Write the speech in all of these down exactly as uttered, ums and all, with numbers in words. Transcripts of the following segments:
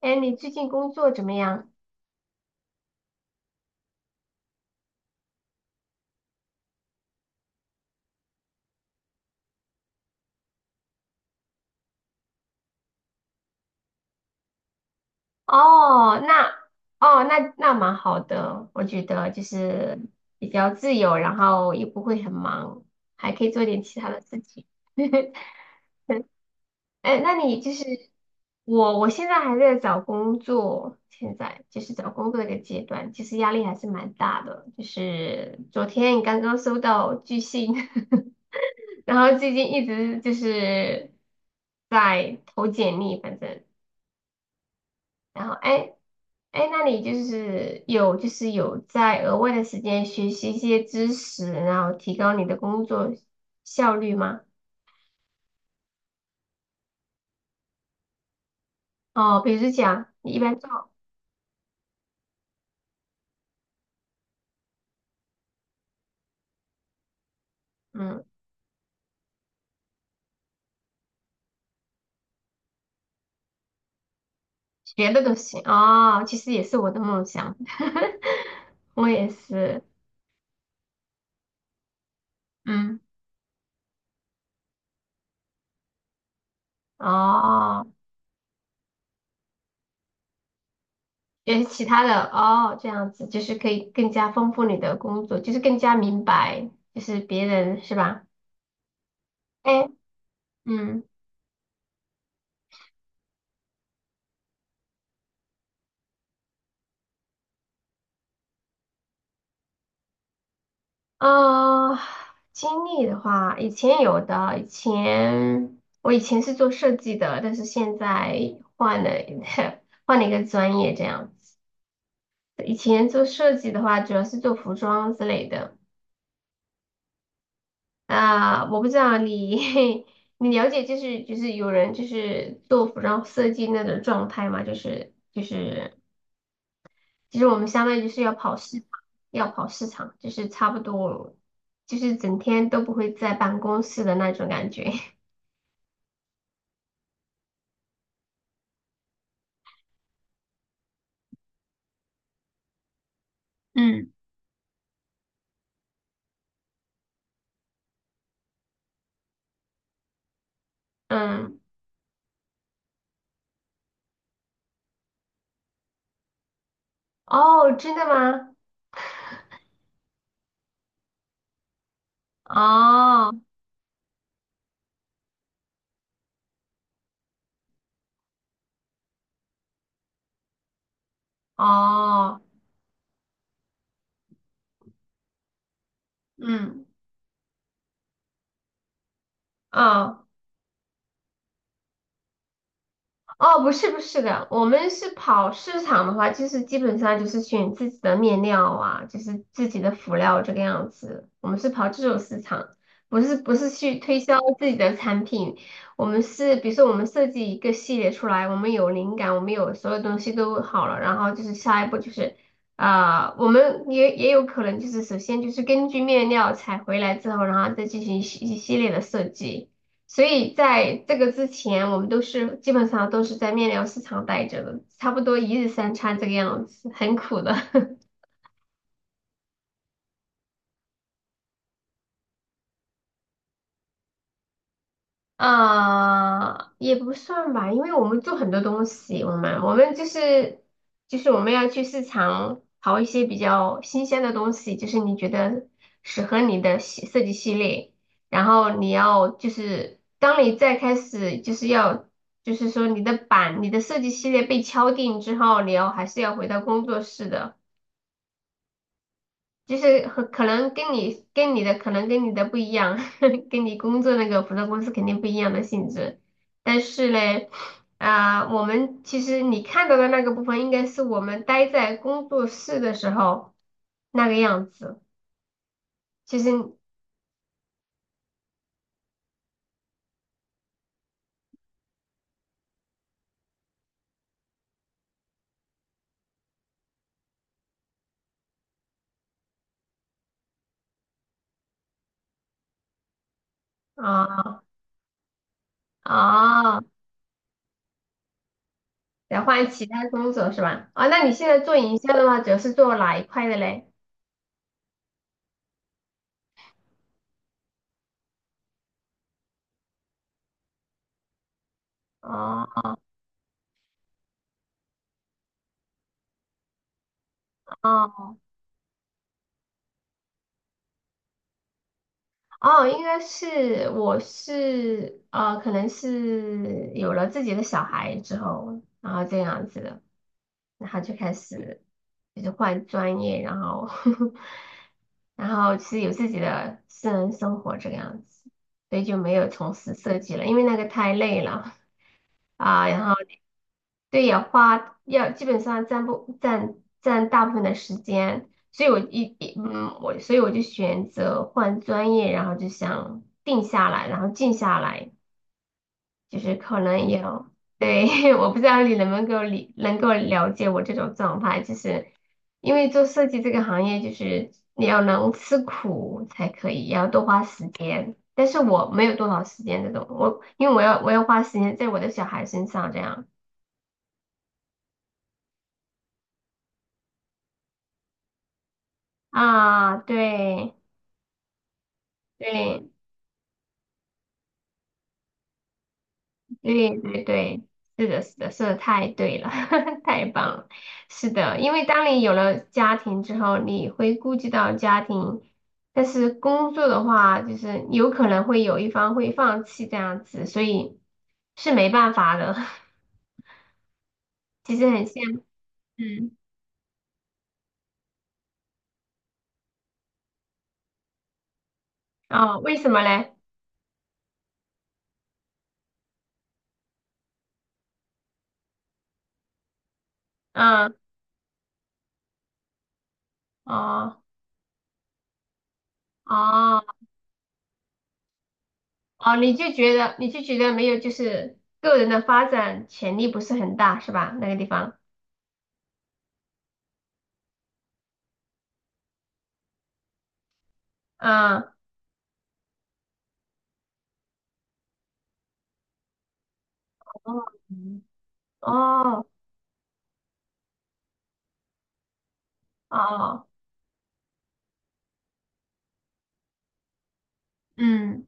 哎，你最近工作怎么样？哦，那哦，那那蛮好的，我觉得就是比较自由，然后也不会很忙，还可以做点其他的事情。哎，那你就是我，我现在还在找工作，现在就是找工作的一个阶段，其实压力还是蛮大的。就是昨天刚刚收到拒信，然后最近一直就是在投简历，反正。然后，哎，哎，那你就是有就是有在额外的时间学习一些知识，然后提高你的工作效率吗？哦，比如讲，你一般做，嗯，学的都行哦，其实也是我的梦想，我也是，嗯，哦，学其他的哦，这样子就是可以更加丰富你的工作，就是更加明白，就是别人是吧？哎，嗯。呃，经历的话，以前有的，以前我以前是做设计的，但是现在换了 换了一个专业这样子。以前做设计的话，主要是做服装之类的。啊、我不知道你 你了解就是就是有人就是做服装设计那种状态吗？就是就是其实我们相当于就是要跑市场要跑市场，就是差不多就是整天都不会在办公室的那种感觉。嗯嗯，哦，真的吗？哦哦，嗯，哦，哦，不是不是的，我们是跑市场的话，就是基本上就是选自己的面料啊，就是自己的辅料这个样子。我们是跑这种市场，不是不是去推销自己的产品。我们是比如说我们设计一个系列出来，我们有灵感，我们有所有东西都好了，然后就是下一步就是啊、我们也也有可能就是首先就是根据面料采回来之后，然后再进行一系一系列的设计。所以在这个之前，我们都是基本上都是在面料市场待着的，差不多一日三餐这个样子，很苦的。啊、也不算吧，因为我们做很多东西，我们我们就是就是我们要去市场淘一些比较新鲜的东西，就是你觉得适合你的系设计系列，然后你要就是当你再开始就是要就是说你的版你的设计系列被敲定之后，你要还是要回到工作室的。就是和可能跟你跟你的可能跟你的不一样，跟你工作那个服装公司肯定不一样的性质。但是嘞，啊、我们其实你看到的那个部分，应该是我们待在工作室的时候那个样子。其实啊啊，哦得换其他工作是吧？啊，那你现在做营销的话，主要是做哪一块的嘞？哦哦。哦，应该是我是呃，可能是有了自己的小孩之后，然后这样子的，然后就开始就是换专业，然后 然后是有自己的私人生活这个样子，所以就没有从事设计了，因为那个太累了啊，然后。对，养花要基本上占不占占大部分的时间，所以我一一嗯，我所以我就选择换专业，然后就想定下来，然后静下来，就是可能有，对，我不知道你能不能够理能够了解我这种状态，就是因为做设计这个行业，就是你要能吃苦才可以，也要多花时间，但是我没有多少时间这种，我因为我要我要花时间在我的小孩身上这样。啊，对，对对对对，是的，是的，说的太对了，太棒了。是的，因为当你有了家庭之后，你会顾及到家庭，但是工作的话，就是有可能会有一方会放弃这样子，所以是没办法的。其实很羡慕，嗯，哦，为什么嘞？嗯，哦哦哦，你就觉得你就觉得没有，就是个人的发展潜力不是很大，是吧？那个地方，嗯。哦哦哦，嗯，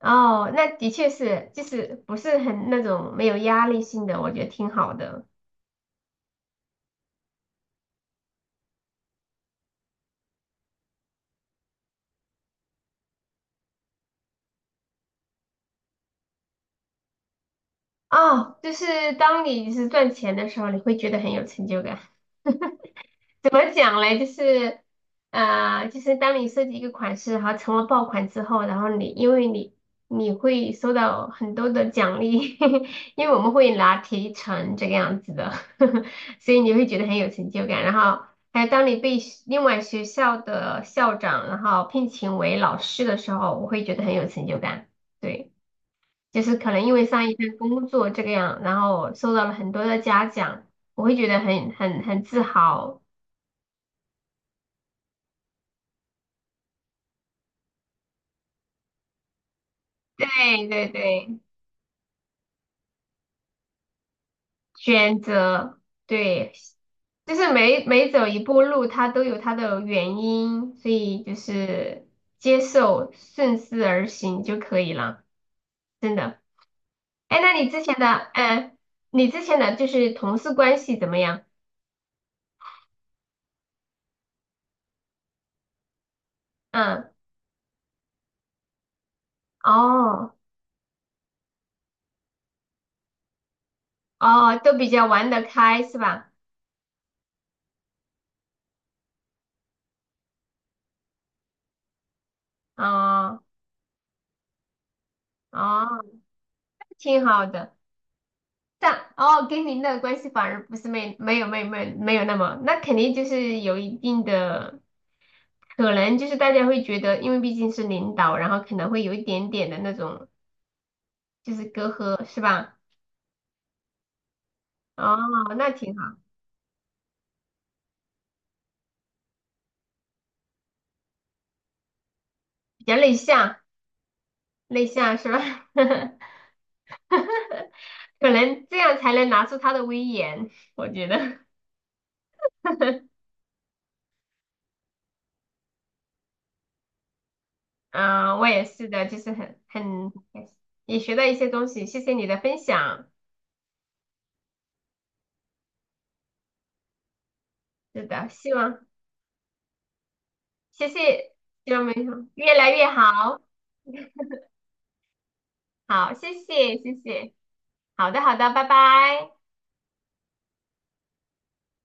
哦，那的确是，就是不是很那种没有压力性的，我觉得挺好的。哦，就是当你就是赚钱的时候，你会觉得很有成就感。怎么讲嘞？就是，呃，就是当你设计一个款式，然后成了爆款之后，然后你因为你你会收到很多的奖励，因为我们会拿提成这个样子的，所以你会觉得很有成就感。然后还有当你被学另外学校的校长然后聘请为老师的时候，我会觉得很有成就感。对，就是可能因为上一份工作这个样，然后受到了很多的嘉奖，我会觉得很很很自豪。对对对，选择，对，就是每每走一步路，它都有它的原因，所以就是接受，顺势而行就可以了，真的。哎，那你之前的，嗯，你之前的就是同事关系怎么样？嗯，哦哦，都比较玩得开是吧？哦哦，挺好的。但哦，跟您的关系反而不是没没有没有没有没有那么，那肯定就是有一定的。可能就是大家会觉得，因为毕竟是领导，然后可能会有一点点的那种就是隔阂，是吧？哦，那挺好，比较内向，内向是吧？可能这样才能拿出他的威严，我觉得。嗯，我也是的，就是很很开心，也学到一些东西，谢谢你的分享。是的，希望谢谢，希望没好越来越好。好，谢谢谢谢，好的好的，拜拜。